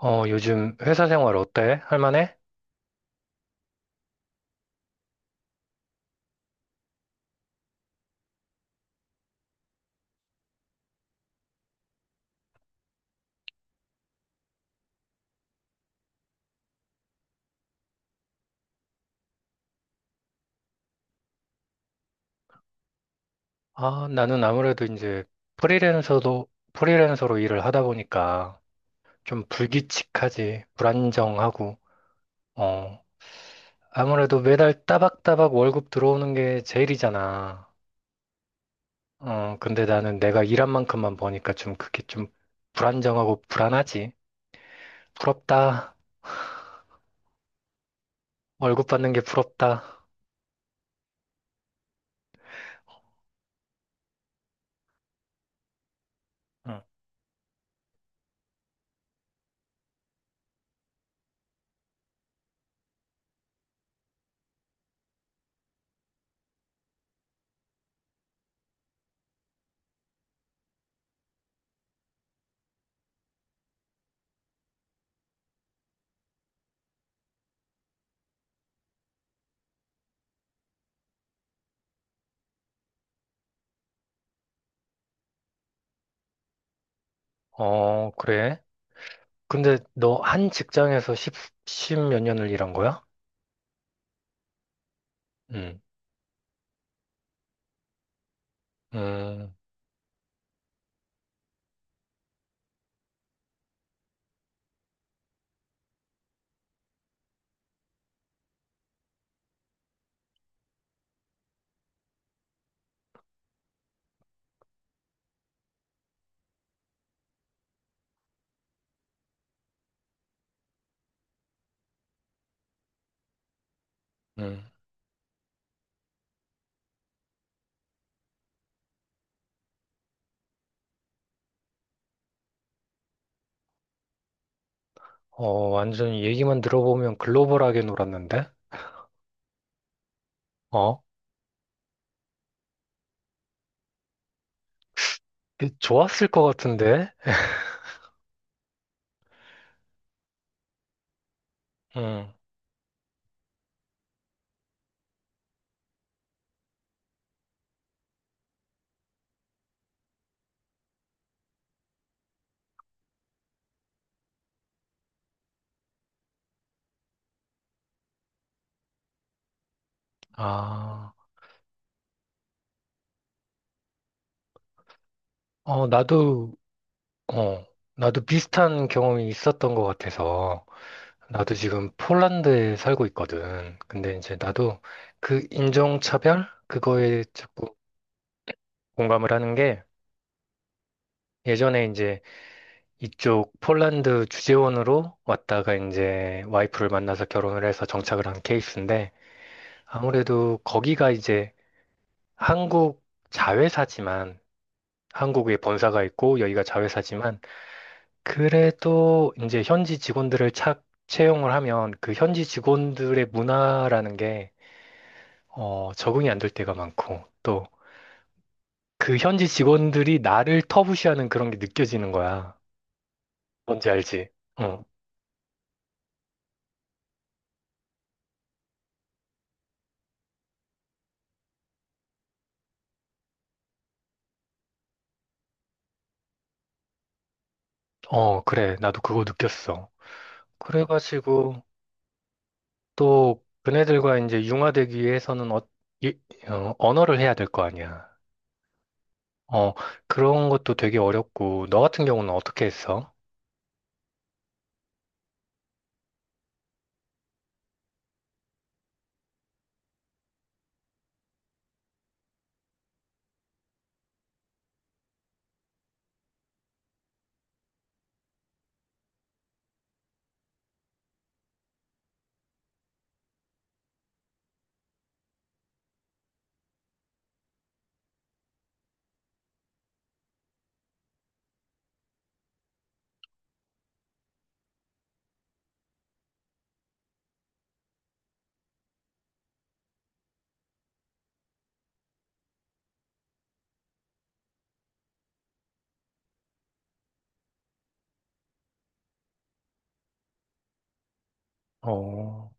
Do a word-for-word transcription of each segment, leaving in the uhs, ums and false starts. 어, 요즘 회사 생활 어때? 할만해? 아, 나는 아무래도 이제 프리랜서도, 프리랜서로 일을 하다 보니까 좀 불규칙하지, 불안정하고, 어, 아무래도 매달 따박따박 월급 들어오는 게 제일이잖아. 어, 근데 나는 내가 일한 만큼만 버니까 좀 그게 좀 불안정하고 불안하지. 부럽다. 월급 받는 게 부럽다. 응. 어, 그래? 근데 너 한 직장에서 십, 십몇 년을 일한 거야? 응. 음. 음. 어, 완전히 얘기만 들어보면 글로벌하게 놀았는데? 어? 그- 좋았을 것 같은데? 음. 아, 어, 나도, 어, 나도 비슷한 경험이 있었던 것 같아서. 나도 지금 폴란드에 살고 있거든. 근데 이제 나도 그 인종차별? 그거에 자꾸 공감을 하는 게 예전에 이제 이쪽 폴란드 주재원으로 왔다가 이제 와이프를 만나서 결혼을 해서 정착을 한 케이스인데 아무래도 거기가 이제 한국 자회사지만 한국에 본사가 있고 여기가 자회사지만 그래도 이제 현지 직원들을 착 채용을 하면 그 현지 직원들의 문화라는 게 어, 적응이 안 될 때가 많고 또 그 현지 직원들이 나를 터부시하는 그런 게 느껴지는 거야. 뭔지 알지? 어, 어, 그래. 나도 그거 느꼈어. 그래가지고 또 그네들과 이제 융화되기 위해서는 어, 이- 어, 언어를 해야 될 거 아니야. 어, 그런 것도 되게 어렵고, 너 같은 경우는 어떻게 했어? 어,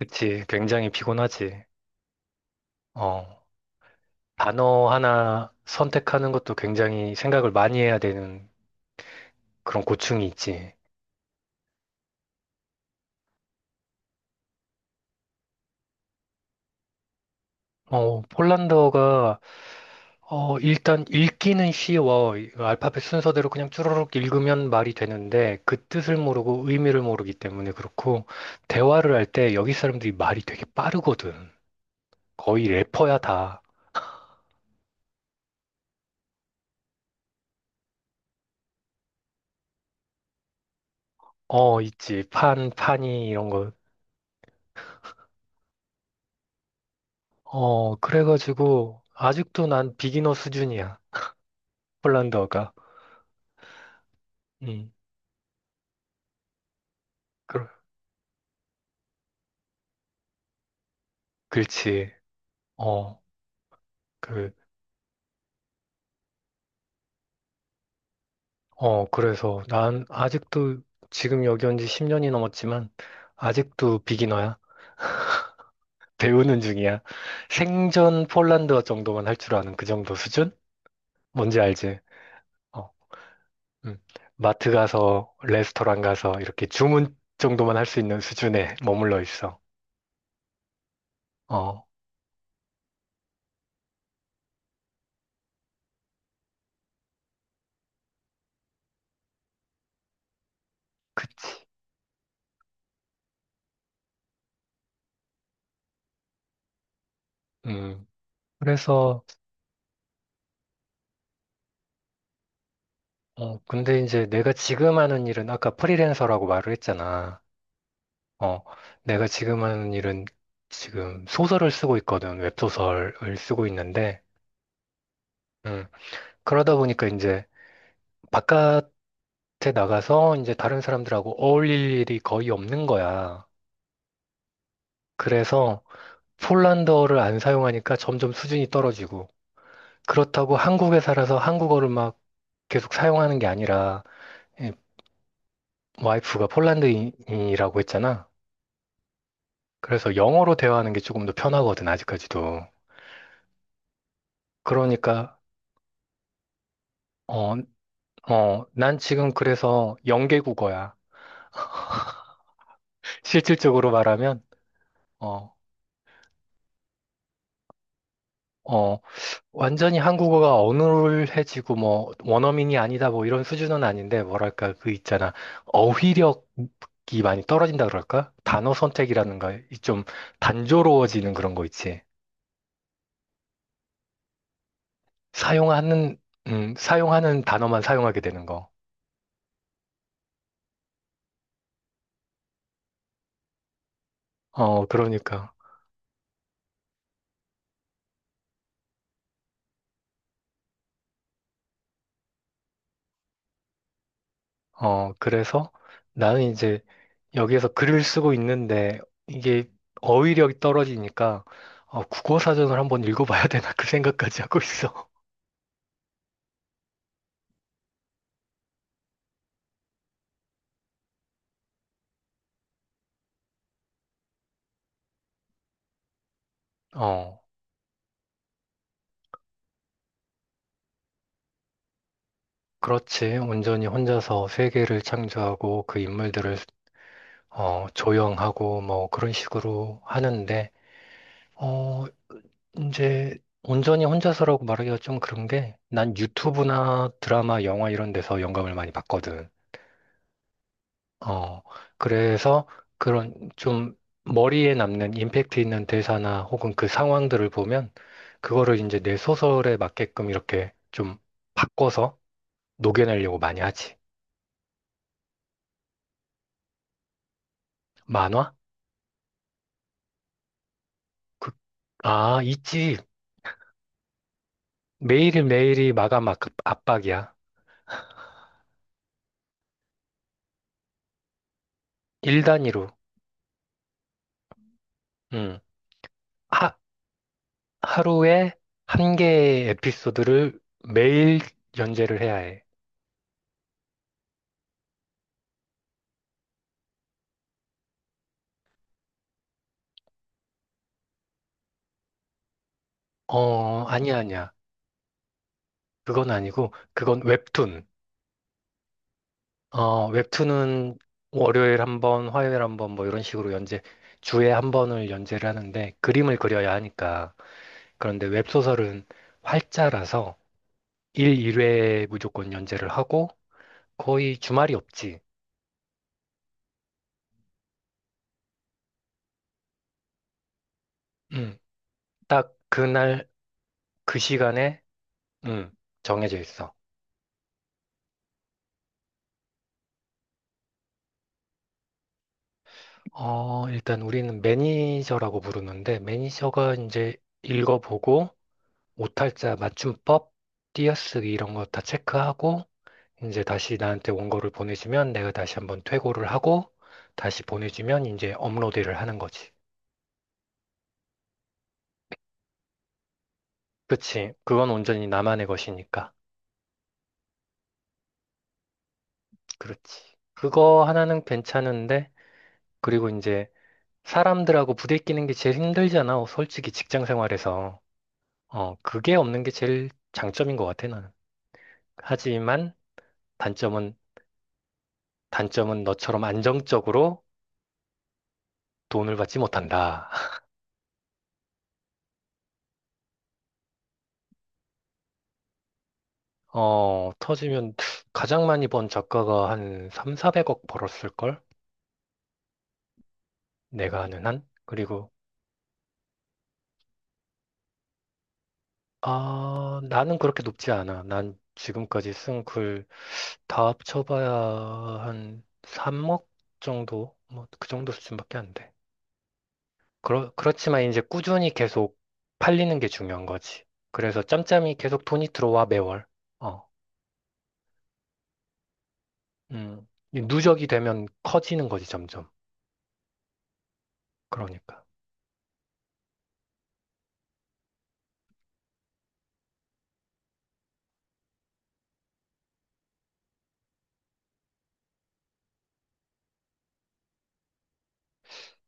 그치. 굉장히 피곤하지. 어, 단어 하나 선택하는 것도 굉장히 생각을 많이 해야 되는 그런 고충이 있지. 어, 폴란드어가, 어, 일단 읽기는 쉬워. 이 알파벳 순서대로 그냥 쭈르륵 읽으면 말이 되는데, 그 뜻을 모르고 의미를 모르기 때문에 그렇고, 대화를 할 때 여기 사람들이 말이 되게 빠르거든. 거의 래퍼야, 다. 어, 있지. 판, 파니, 이런 거. 어, 그래가지고, 아직도 난 비기너 수준이야. 폴란드어가. 음, 그, 그렇지. 어, 그, 어, 그래서 난 아직도 지금 여기 온 지 십 년이 넘었지만, 아직도 비기너야. 배우는 중이야. 생전 폴란드어 정도만 할 줄 아는 그 정도 수준? 뭔지 알지? 어, 음. 마트 가서, 레스토랑 가서, 이렇게 주문 정도만 할 수 있는 수준에 머물러 있어. 어, 그치. 음. 그래서, 어, 근데 이제 내가 지금 하는 일은 아까 프리랜서라고 말을 했잖아. 어, 내가 지금 하는 일은 지금 소설을 쓰고 있거든. 웹소설을 쓰고 있는데, 음, 그러다 보니까 이제 바깥에 나가서 이제 다른 사람들하고 어울릴 일이 거의 없는 거야. 그래서 폴란드어를 안 사용하니까 점점 수준이 떨어지고, 그렇다고 한국에 살아서 한국어를 막 계속 사용하는 게 아니라, 이 와이프가 폴란드인이라고 했잖아. 그래서 영어로 대화하는 게 조금 더 편하거든, 아직까지도. 그러니까, 어, 어, 난 지금 그래서 영계국어야. 실질적으로 말하면, 어, 어, 완전히 한국어가 어눌해지고, 뭐, 원어민이 아니다, 뭐, 이런 수준은 아닌데, 뭐랄까, 그 있잖아. 어휘력이 많이 떨어진다 그럴까? 단어 선택이라는가, 이좀 단조로워지는 그런 거 있지. 사용하는, 음, 사용하는 단어만 사용하게 되는 거. 어, 그러니까. 어, 그래서 나는 이제 여기에서 글을 쓰고 있는데 이게 어휘력이 떨어지니까 어, 국어 사전을 한번 읽어봐야 되나 그 생각까지 하고 있어. 어, 그렇지. 온전히 혼자서 세계를 창조하고 그 인물들을 어, 조형하고 뭐 그런 식으로 하는데 어, 이제 온전히 혼자서라고 말하기가 좀 그런 게 난 유튜브나 드라마, 영화 이런 데서 영감을 많이 받거든. 어, 그래서 그런 좀 머리에 남는 임팩트 있는 대사나 혹은 그 상황들을 보면 그거를 이제 내 소설에 맞게끔 이렇게 좀 바꿔서 녹여내려고 많이 하지. 만화? 그, 아, 있지. 매일매일이 마감 악- 압박이야. 일 단위로. 음. 하, 하루에 한 개의 에피소드를 매일 연재를 해야 해. 어, 아니야, 아니야. 그건 아니고, 그건 웹툰. 어, 웹툰은 월요일 한 번, 화요일 한 번, 뭐 이런 식으로 연재, 주에 한 번을 연재를 하는데 그림을 그려야 하니까. 그런데 웹소설은 활자라서 일 일회 무조건 연재를 하고 거의 주말이 없지. 음, 딱 그날, 그 시간에, 음, 정해져 있어. 어, 일단 우리는 매니저라고 부르는데 매니저가 이제 읽어보고 오탈자 맞춤법, 띄어쓰기 이런 거 다 체크하고 이제 다시 나한테 원고를 보내주면 내가 다시 한번 퇴고를 하고 다시 보내주면 이제 업로드를 하는 거지. 그치. 그건 온전히 나만의 것이니까. 그렇지. 그거 하나는 괜찮은데 그리고 이제 사람들하고 부대끼는 게 제일 힘들잖아. 솔직히 직장 생활에서. 어, 그게 없는 게 제일 장점인 것 같아, 나는. 하지만 단점은, 단점은 너처럼 안정적으로 돈을 받지 못한다. 어, 터지면 가장 많이 번 작가가 한 삼, 사백억 벌었을걸? 내가 아는 한? 그리고, 아, 나는 그렇게 높지 않아. 난 지금까지 쓴 글 다 합쳐봐야 한 삼억 정도? 뭐, 그 정도 수준밖에 안 돼. 그렇, 그렇지만 이제 꾸준히 계속 팔리는 게 중요한 거지. 그래서 짬짬이 계속 돈이 들어와, 매월. 어, 음. 이 누적이 되면 커지는 거지, 점점. 그러니까.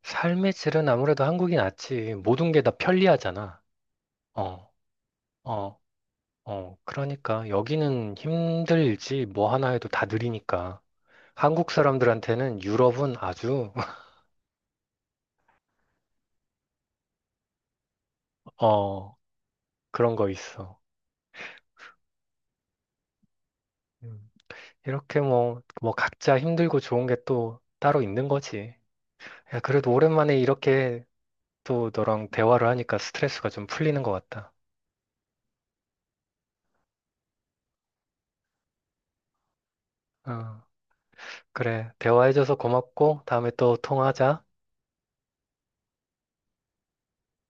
삶의 질은 아무래도 한국이 낫지. 모든 게 다 편리하잖아. 어, 어, 어. 그러니까 여기는 힘들지 뭐 하나 해도 다 느리니까. 한국 사람들한테는 유럽은 아주, 어, 그런 거 있어. 음. 이렇게 뭐, 뭐 각자 힘들고 좋은 게 또 따로 있는 거지. 야, 그래도 오랜만에 이렇게 또 너랑 대화를 하니까 스트레스가 좀 풀리는 것 같다. 어, 그래. 대화해줘서 고맙고 다음에 또 통화하자.